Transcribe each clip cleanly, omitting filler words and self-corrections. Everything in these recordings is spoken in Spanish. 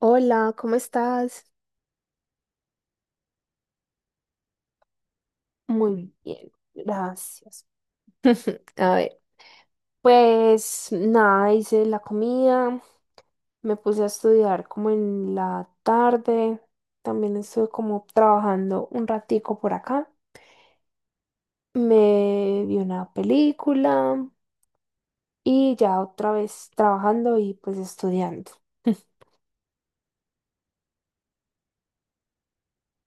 Hola, ¿cómo estás? Muy bien, gracias. A ver, pues nada, hice la comida, me puse a estudiar como en la tarde, también estuve como trabajando un ratico por acá, me vi una película y ya otra vez trabajando y pues estudiando.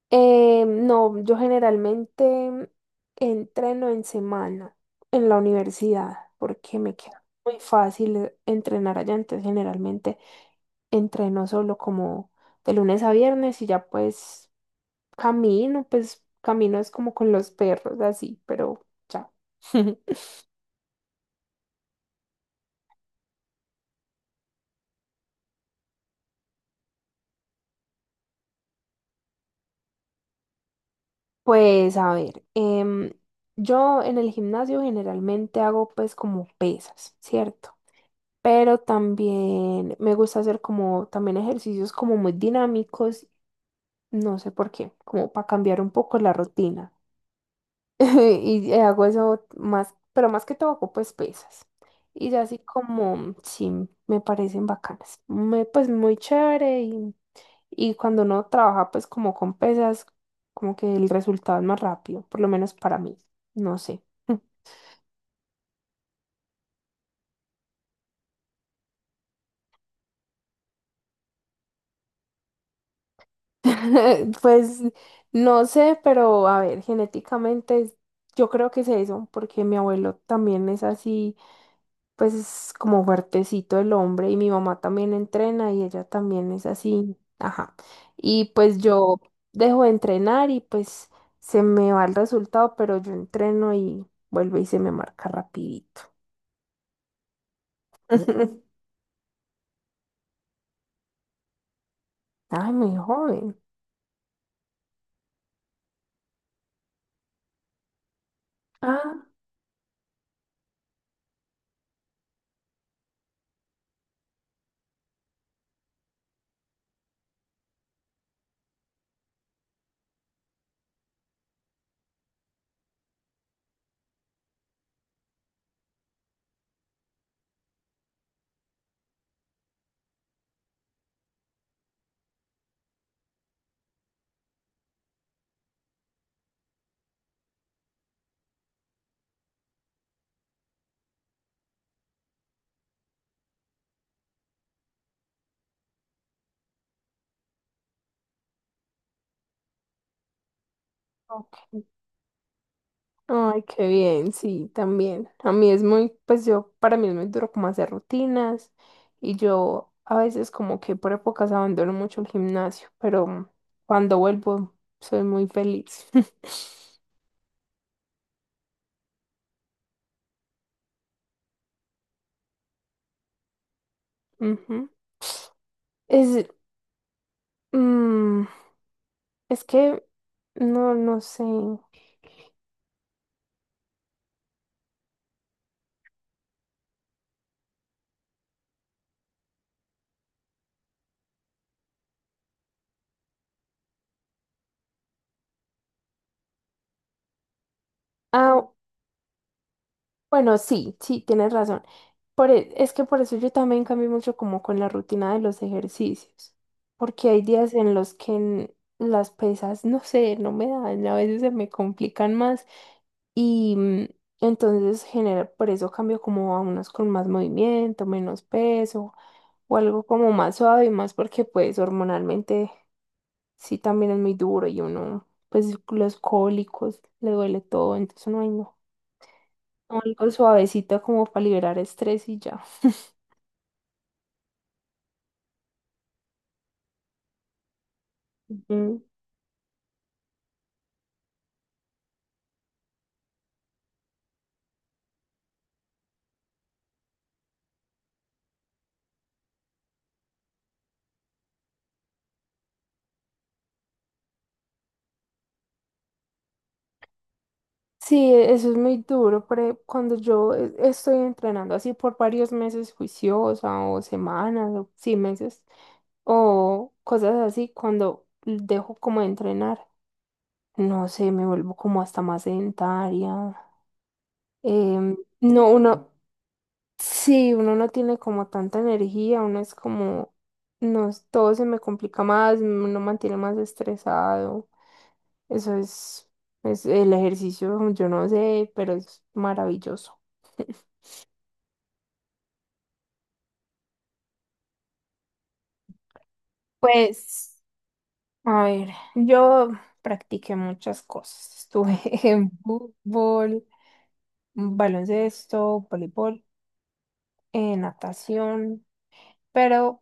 No, yo generalmente entreno en semana en la universidad porque me queda muy fácil entrenar allá. Entonces, generalmente entreno solo como de lunes a viernes y ya pues camino es como con los perros así, pero ya. Pues a ver, yo en el gimnasio generalmente hago pues como pesas, ¿cierto? Pero también me gusta hacer como también ejercicios como muy dinámicos, no sé por qué, como para cambiar un poco la rutina. Y hago eso más, pero más que todo hago pues pesas. Y ya así como, sí, me parecen bacanas. Me, pues muy chévere y cuando uno trabaja pues como con pesas, como que el resultado es más rápido, por lo menos para mí, no sé. Pues no sé, pero a ver, genéticamente yo creo que es eso, porque mi abuelo también es así, pues es como fuertecito el hombre y mi mamá también entrena y ella también es así, ajá. Y pues yo dejo de entrenar y pues se me va el resultado, pero yo entreno y vuelve y se me marca rapidito. Ay, muy joven. Ah, ok. Ay, qué bien, sí, también. A mí es muy, pues yo, para mí es muy duro como hacer rutinas y yo a veces como que por épocas abandono mucho el gimnasio, pero cuando vuelvo soy muy feliz. Ujú. Es, mm, es que, no sé. Ah, bueno, sí, sí, tienes razón. Por, es que por eso yo también cambio mucho como con la rutina de los ejercicios, porque hay días en los que las pesas, no sé, no me dan, a veces se me complican más y entonces genera, por eso cambio como a unos con más movimiento, menos peso o algo como más suave y más porque pues hormonalmente sí también es muy duro y uno, pues los cólicos, le duele todo, entonces no hay algo suavecito como para liberar estrés y ya. Ujú. Sí, e, eso es muy duro, pero cuando yo estoy entrenando así por varios meses juiciosa o semanas o sí meses o cosas así, cuando dejo como de entrenar, no sé, me vuelvo como hasta más sedentaria. No, uno, sí, uno no tiene como tanta energía, uno es como, no, todo se me complica más, uno mantiene más estresado. Eso es el ejercicio, yo no sé, pero es maravilloso. Pues, a ver, yo practiqué muchas cosas. Estuve en fútbol, baloncesto, voleibol, natación, pero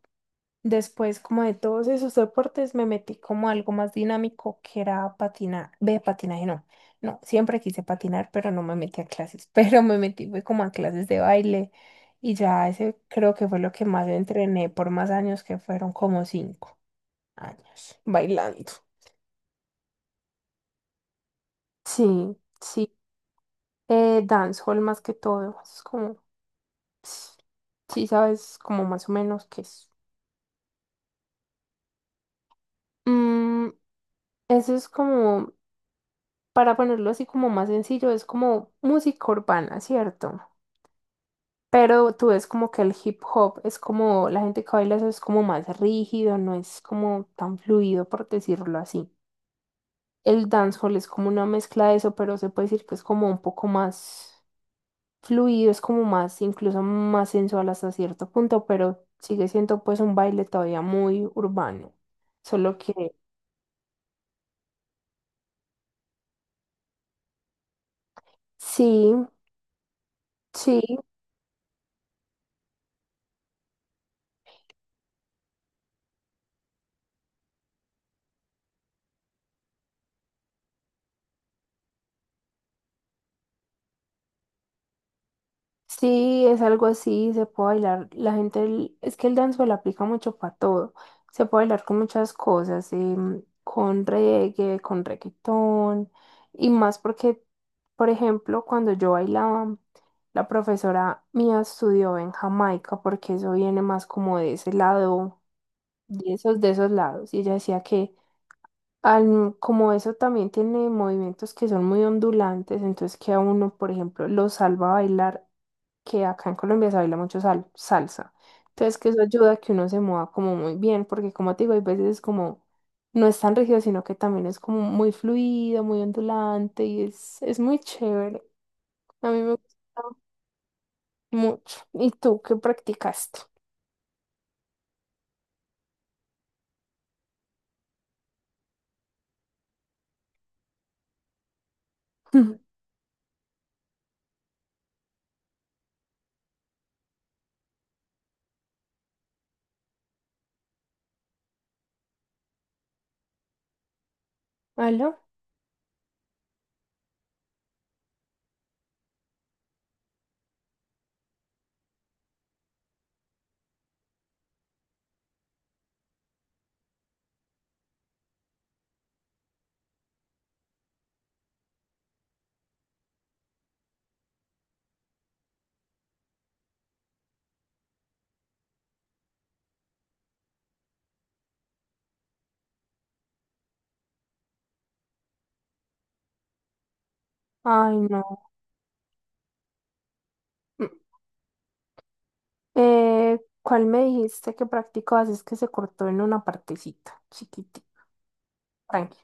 después, como de todos esos deportes, me metí como a algo más dinámico que era patinar. Ve, patinaje no. No, siempre quise patinar, pero no me metí a clases. Pero me metí fue como a clases de baile y ya ese creo que fue lo que más entrené por más años, que fueron como 5 años bailando. Sí, sí. Dancehall más que todo. Es como, sí, sabes, como más o menos qué es. Mm, eso es como para ponerlo así como más sencillo, es como música urbana, ¿cierto? Pero tú ves como que el hip hop es como, la gente que baila eso es como más rígido, no es como tan fluido, por decirlo así. El dancehall es como una mezcla de eso, pero se puede decir que es como un poco más fluido, es como más, incluso más sensual hasta cierto punto, pero sigue siendo pues un baile todavía muy urbano. Solo que sí, sí, sí, es algo así, se puede bailar. La gente, es que el dancehall aplica mucho para todo. Se puede bailar con muchas cosas, con reggae, con reggaetón, y más porque, por ejemplo, cuando yo bailaba, la profesora mía estudió en Jamaica, porque eso viene más como de ese lado, de esos lados. Y ella decía que como eso también tiene movimientos que son muy ondulantes, entonces que a uno, por ejemplo, lo salva a bailar, que acá en Colombia se baila mucho salsa. Entonces que eso ayuda a que uno se mueva como muy bien, porque como te digo, hay veces es como, no es tan rígido, sino que también es como muy fluido, muy ondulante y es muy chévere. A mí me gusta mucho. ¿Y tú qué practicaste? ¿Aló? Ay, no. ¿Cuál me dijiste que practicabas? Es que se cortó en una partecita, chiquitita. Tranqui.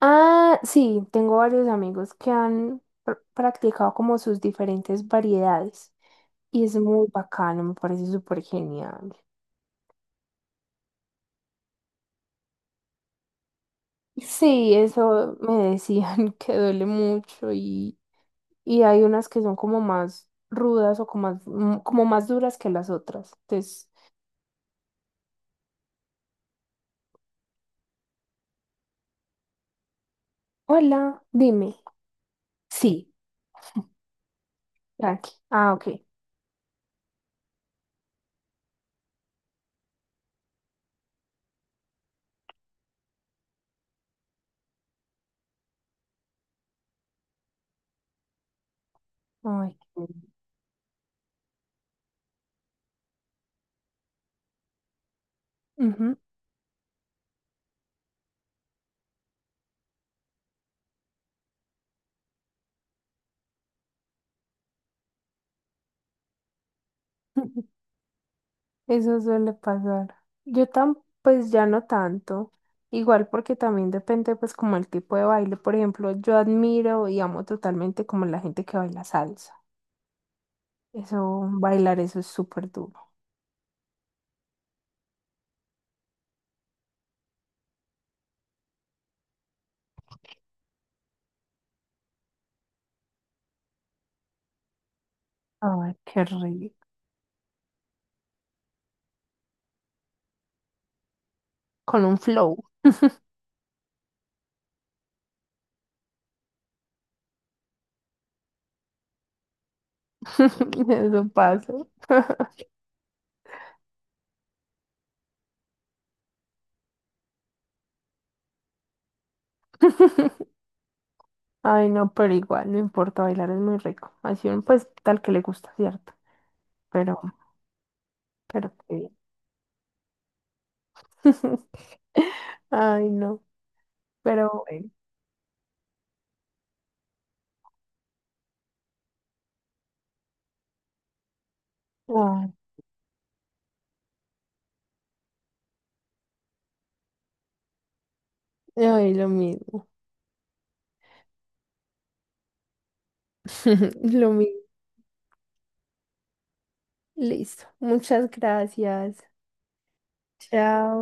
Ah, sí, tengo varios amigos que han practicado como sus diferentes variedades y es muy bacano, me parece súper genial. Sí, eso me decían que duele mucho y hay unas que son como más rudas o como más, como más duras que las otras. Entonces, hola, dime. Sí, tranqui. Ah, ok. Ay, qué bien. Eso suele pasar. Yo tan, pues ya no tanto. Igual porque también depende pues como el tipo de baile. Por ejemplo, yo admiro y amo totalmente como la gente que baila salsa. Eso, bailar eso es súper duro. Ay, qué rico. Con un flow. Eso pasa. Ay, no, pero igual, no importa, bailar es muy rico. Así uno pues tal que le gusta, ¿cierto? Pero, pero qué bien. Ay, no, pero bueno. Ay, ay, lo mismo. Lo mismo. Listo. Muchas gracias. Chao.